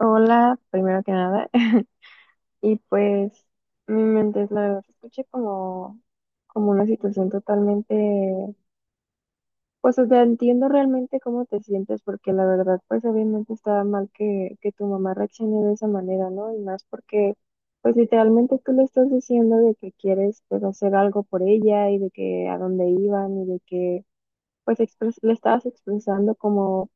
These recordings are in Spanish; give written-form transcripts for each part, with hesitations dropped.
Hola, primero que nada. Y pues mi mente es la verdad, se escuché como, como una situación totalmente, pues o sea, entiendo realmente cómo te sientes, porque la verdad, pues obviamente estaba mal que tu mamá reaccione de esa manera, ¿no? Y más porque, pues literalmente tú le estás diciendo de que quieres, pues hacer algo por ella y de que a dónde iban y de que, pues le estabas expresando como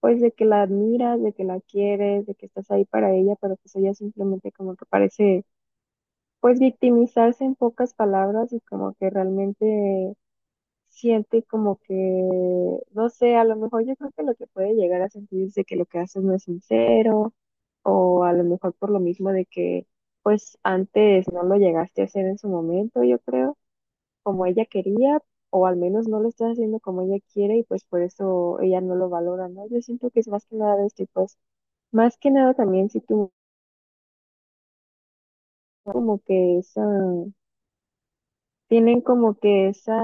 pues de que la admiras, de que la quieres, de que estás ahí para ella, pero pues ella simplemente como que parece pues victimizarse en pocas palabras y como que realmente siente como que, no sé, a lo mejor yo creo que lo que puede llegar a sentir es de que lo que haces no es sincero o a lo mejor por lo mismo de que pues antes no lo llegaste a hacer en su momento, yo creo, como ella quería, o al menos no lo estás haciendo como ella quiere y pues por eso ella no lo valora, ¿no? Yo siento que es más que nada de este tipo de más que nada también si tú como que esa, tienen como que esa,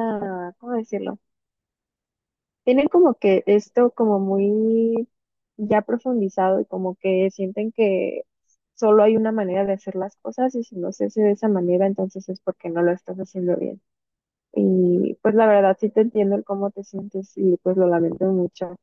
¿cómo decirlo? Tienen como que esto como muy ya profundizado y como que sienten que solo hay una manera de hacer las cosas y si no se hace de esa manera, entonces es porque no lo estás haciendo bien. Y pues la verdad sí te entiendo el cómo te sientes y pues lo lamento mucho.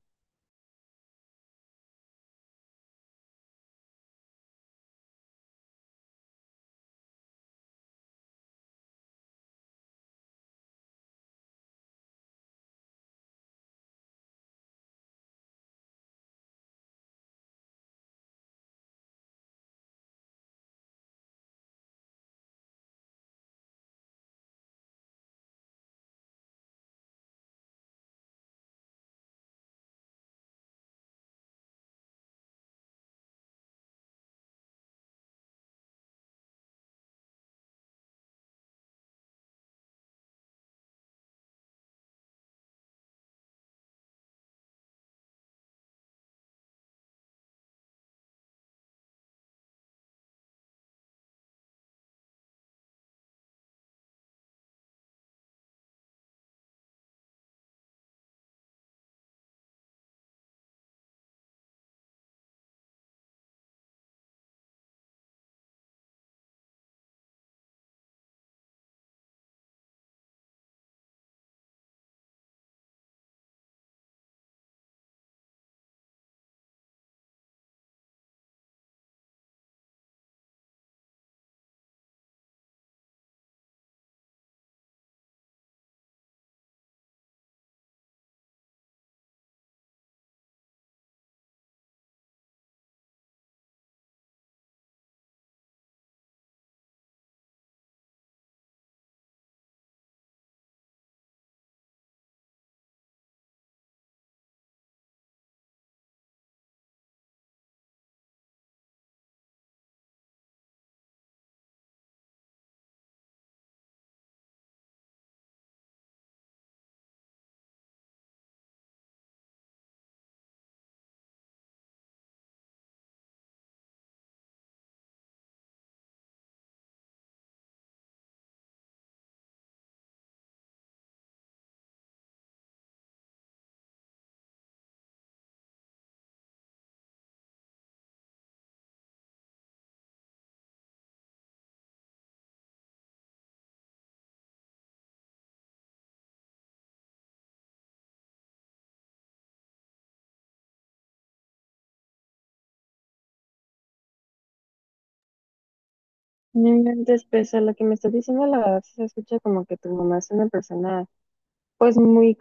Mm, después, a lo que me estás diciendo, la verdad sí se escucha como que tu mamá es una persona pues muy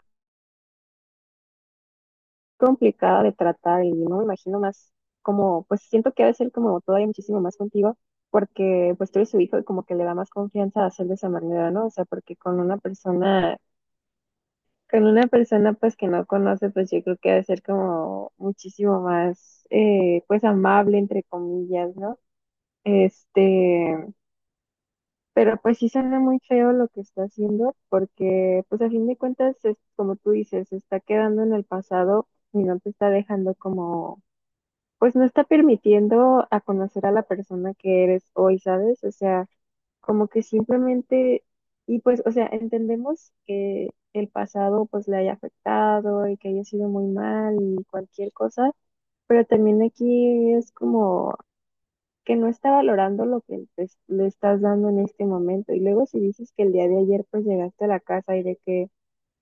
complicada de tratar y no me imagino más como, pues siento que ha de ser como todavía muchísimo más contigo, porque pues tú eres su hijo y como que le da más confianza a hacer de esa manera, ¿no? O sea, porque con una persona pues que no conoce, pues yo creo que ha de ser como muchísimo más, pues amable, entre comillas, ¿no? Este, pero pues sí suena muy feo lo que está haciendo, porque pues a fin de cuentas, es, como tú dices, se está quedando en el pasado y no te está dejando como pues no está permitiendo a conocer a la persona que eres hoy, ¿sabes? O sea, como que simplemente, y pues, o sea, entendemos que el pasado pues le haya afectado y que haya sido muy mal y cualquier cosa, pero también aquí es como que no está valorando lo que le estás dando en este momento. Y luego si dices que el día de ayer pues llegaste a la casa y de que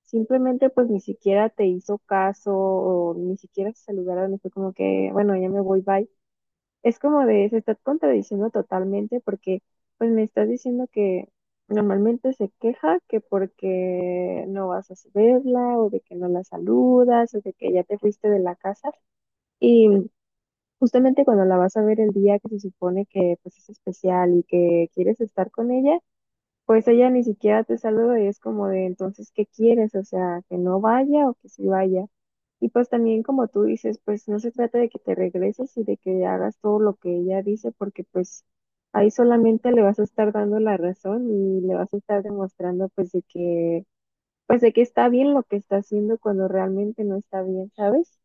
simplemente pues ni siquiera te hizo caso o ni siquiera se saludaron y fue como que, bueno, ya me voy, bye, es como de, se está contradiciendo totalmente porque pues me estás diciendo que normalmente se queja que porque no vas a verla o de que no la saludas o de que ya te fuiste de la casa y justamente cuando la vas a ver el día que se supone que pues es especial y que quieres estar con ella, pues ella ni siquiera te saluda y es como de entonces, ¿qué quieres? O sea, que no vaya o que sí vaya. Y pues también como tú dices, pues no se trata de que te regreses y de que hagas todo lo que ella dice, porque pues ahí solamente le vas a estar dando la razón y le vas a estar demostrando pues de que está bien lo que está haciendo cuando realmente no está bien, ¿sabes?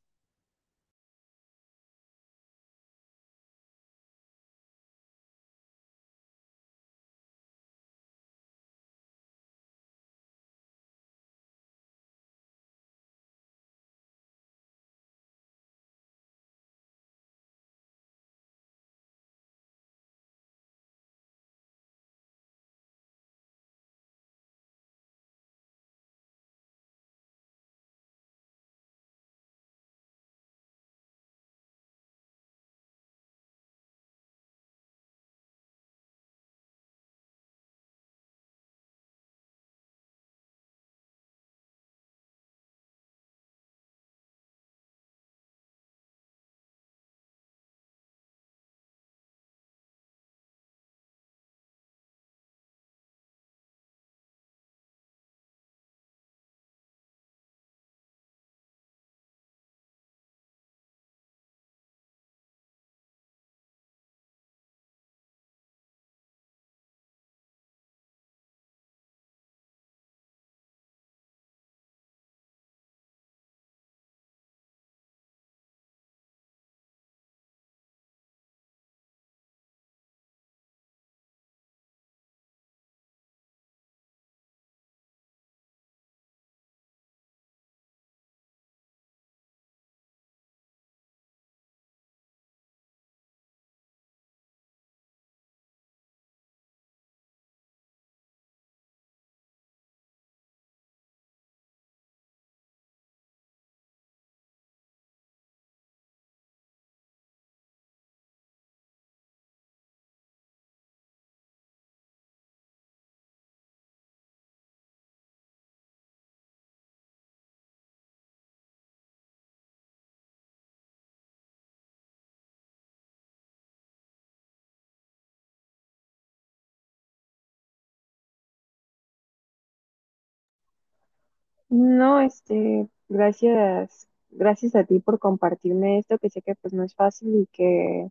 No, este, gracias, gracias a ti por compartirme esto, que sé que pues no es fácil y que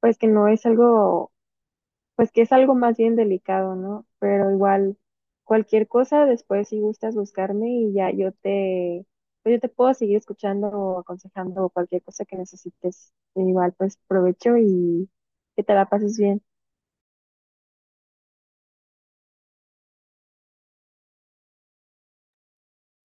pues que no es algo pues que es algo más bien delicado, ¿no? Pero igual, cualquier cosa, después si gustas buscarme y ya yo te, pues yo te puedo seguir escuchando o aconsejando o cualquier cosa que necesites. E igual, pues provecho y que te la pases bien.